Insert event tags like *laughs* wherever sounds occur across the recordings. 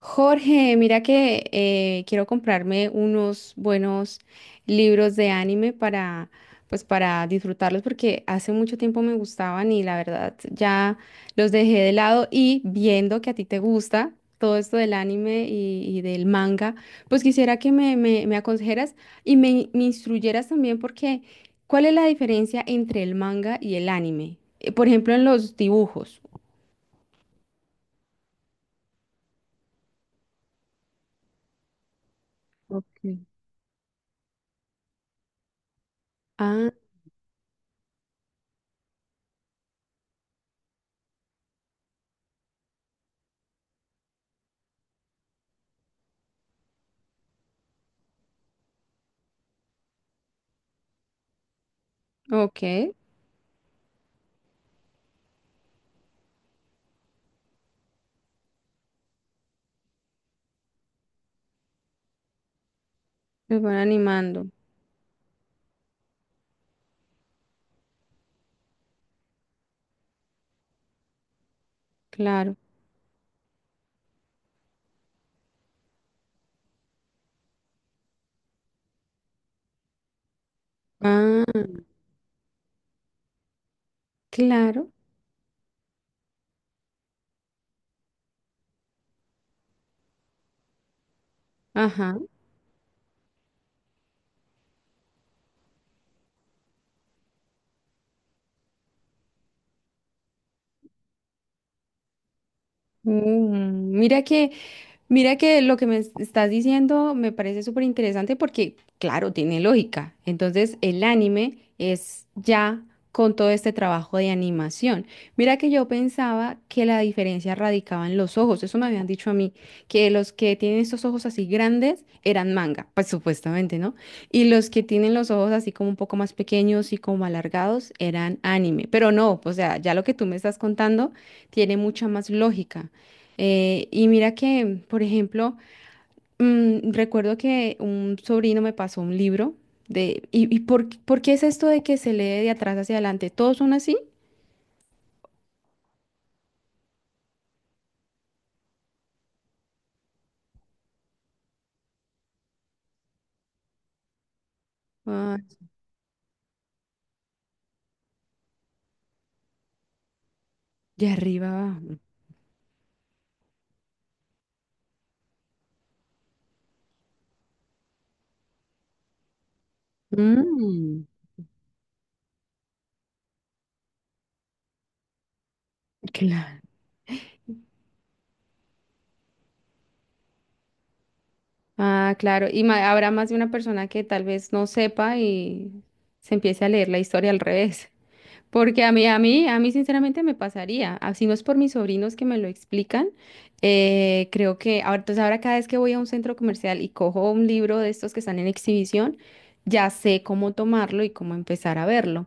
Jorge, mira que quiero comprarme unos buenos libros de anime para, pues para disfrutarlos porque hace mucho tiempo me gustaban y la verdad ya los dejé de lado, y viendo que a ti te gusta todo esto del anime y del manga, pues quisiera que me aconsejaras y me instruyeras también porque, ¿cuál es la diferencia entre el manga y el anime? Por ejemplo, en los dibujos. Ok. Ah, ok, los van animando. Claro. Ah, claro. Ajá. Mm, mira que Mira que lo que me estás diciendo me parece súper interesante porque, claro, tiene lógica. Entonces, el anime es ya con todo este trabajo de animación. Mira que yo pensaba que la diferencia radicaba en los ojos. Eso me habían dicho a mí, que los que tienen estos ojos así grandes eran manga, pues supuestamente, ¿no? Y los que tienen los ojos así como un poco más pequeños y como alargados eran anime. Pero no, o sea, ya lo que tú me estás contando tiene mucha más lógica. Y mira que, por ejemplo, recuerdo que un sobrino me pasó un libro de... ¿Y, y por qué es esto de que se lee de atrás hacia adelante? ¿Todos son así? Ah, de arriba abajo. Mm, claro. Ah, claro. Y habrá más de una persona que tal vez no sepa y se empiece a leer la historia al revés. Porque a mí sinceramente me pasaría. Así no es por mis sobrinos que me lo explican. Eh, creo que ahora, entonces ahora cada vez que voy a un centro comercial y cojo un libro de estos que están en exhibición, ya sé cómo tomarlo y cómo empezar a verlo.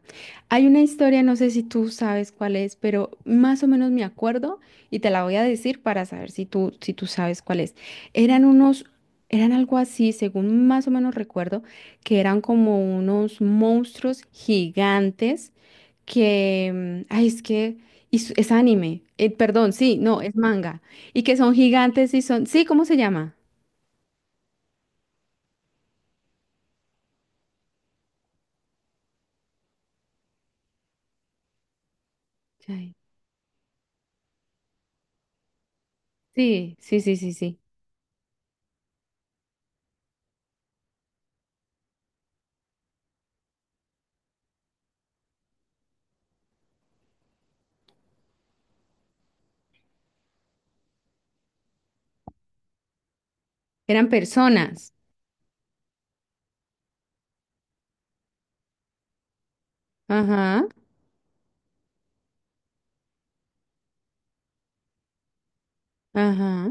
Hay una historia, no sé si tú sabes cuál es, pero más o menos me acuerdo y te la voy a decir para saber si tú sabes cuál es. Eran unos, eran algo así, según más o menos recuerdo, que eran como unos monstruos gigantes que, ay, es que, y es anime, perdón, sí, no, es manga, y que son gigantes y son, sí, ¿cómo se llama? Ay. Sí, sí, sí, sí, sí, eran personas, ajá, ajá.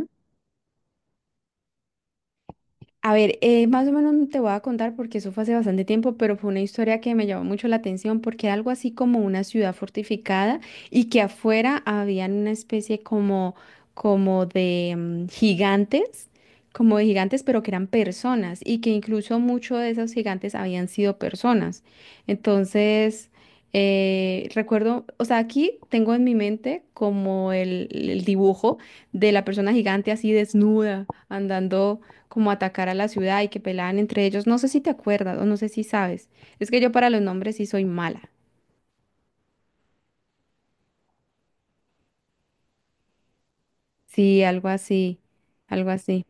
A ver, más o menos te voy a contar porque eso fue hace bastante tiempo, pero fue una historia que me llamó mucho la atención porque era algo así como una ciudad fortificada y que afuera habían una especie como, como de gigantes, como de gigantes, pero que eran personas y que incluso muchos de esos gigantes habían sido personas. Entonces, recuerdo, o sea, aquí tengo en mi mente como el dibujo de la persona gigante así desnuda andando como atacar a la ciudad y que peleaban entre ellos. No sé si te acuerdas o no sé si sabes. Es que yo para los nombres sí soy mala. Sí, algo así, algo así.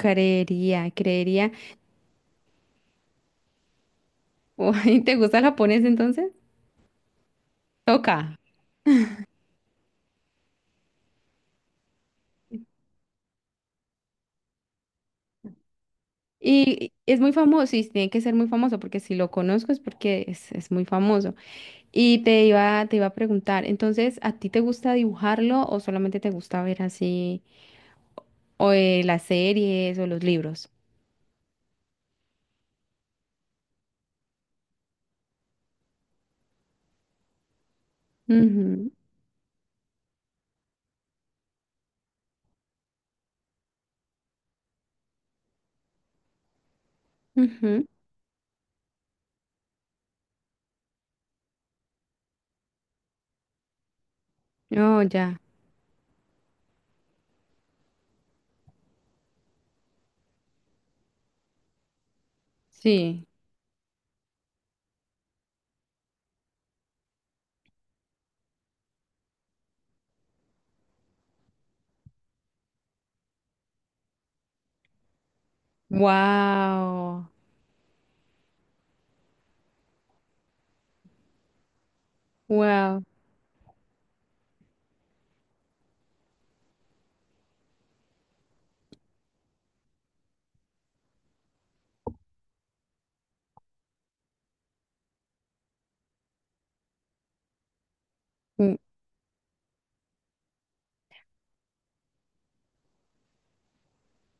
Creería, creería. *laughs* Uy, ¿te gusta el japonés entonces? Toca. Y es muy famoso, y tiene que ser muy famoso, porque si lo conozco es porque es muy famoso. Y te iba a preguntar, entonces, ¿a ti te gusta dibujarlo o solamente te gusta ver así, o las series o los libros? Ujú, ujú. Oh, ya. Sí. Wow. Wow.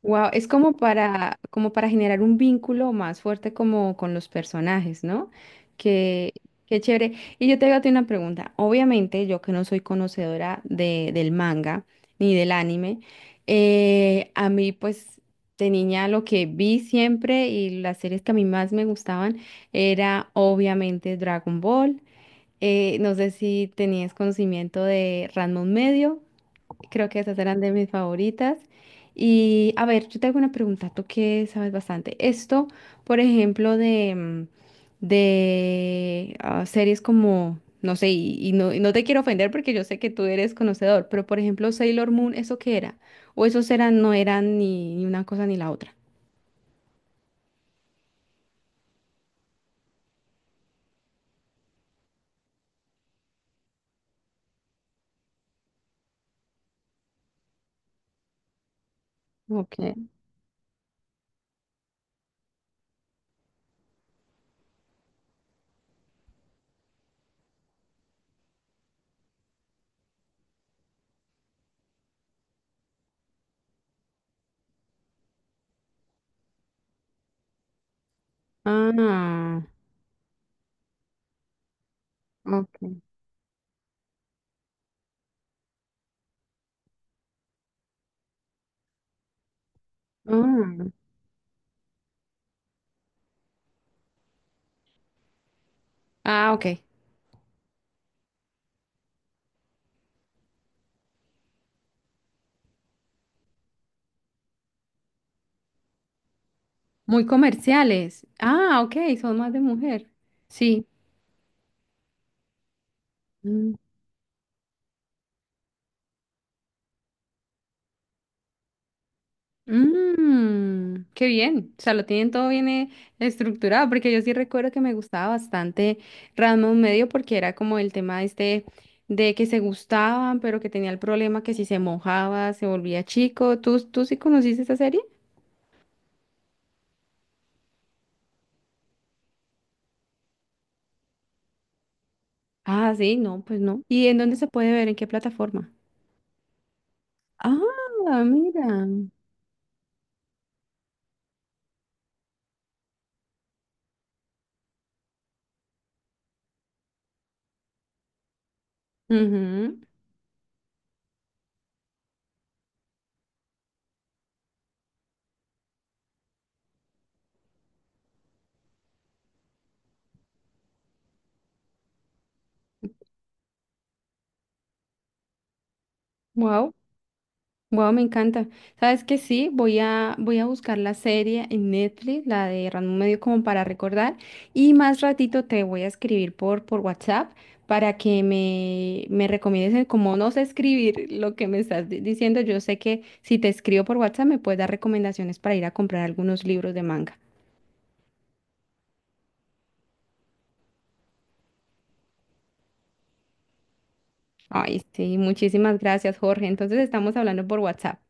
Wow. Es como para, como para generar un vínculo más fuerte como con los personajes, ¿no? Que, qué chévere. Y yo te hago a ti una pregunta. Obviamente, yo que no soy conocedora de, del manga ni del anime, a mí, pues, de niña lo que vi siempre y las series que a mí más me gustaban era obviamente Dragon Ball. No sé si tenías conocimiento de Ranma Medio. Creo que esas eran de mis favoritas. Y a ver, yo tengo una pregunta, tú que sabes bastante. Esto, por ejemplo, de, de series como, no sé, y no te quiero ofender porque yo sé que tú eres conocedor, pero por ejemplo, Sailor Moon, ¿eso qué era? ¿O esos eran, no eran ni, ni una cosa ni la otra? Okay. Ah, okay. Mm. Ah, ok. Muy comerciales. Ah, ok, son más de mujer. Sí. Mmm, qué bien. O sea, lo tienen todo bien estructurado, porque yo sí recuerdo que me gustaba bastante Rasmus Medio, porque era como el tema este de que se gustaban, pero que tenía el problema que si se mojaba, se volvía chico. ¿Tú, tú sí conociste esa serie? Ah, sí, no, pues no. ¿Y en dónde se puede ver? ¿En qué plataforma? Ah, mira. Wow. Wow, me encanta. ¿Sabes que sí? Voy a, voy a buscar la serie en Netflix, la de Random Medio, como para recordar. Y más ratito te voy a escribir por WhatsApp para que me recomiendes como no sé escribir lo que me estás diciendo. Yo sé que si te escribo por WhatsApp me puedes dar recomendaciones para ir a comprar algunos libros de manga. Ay, sí, muchísimas gracias, Jorge. Entonces estamos hablando por WhatsApp.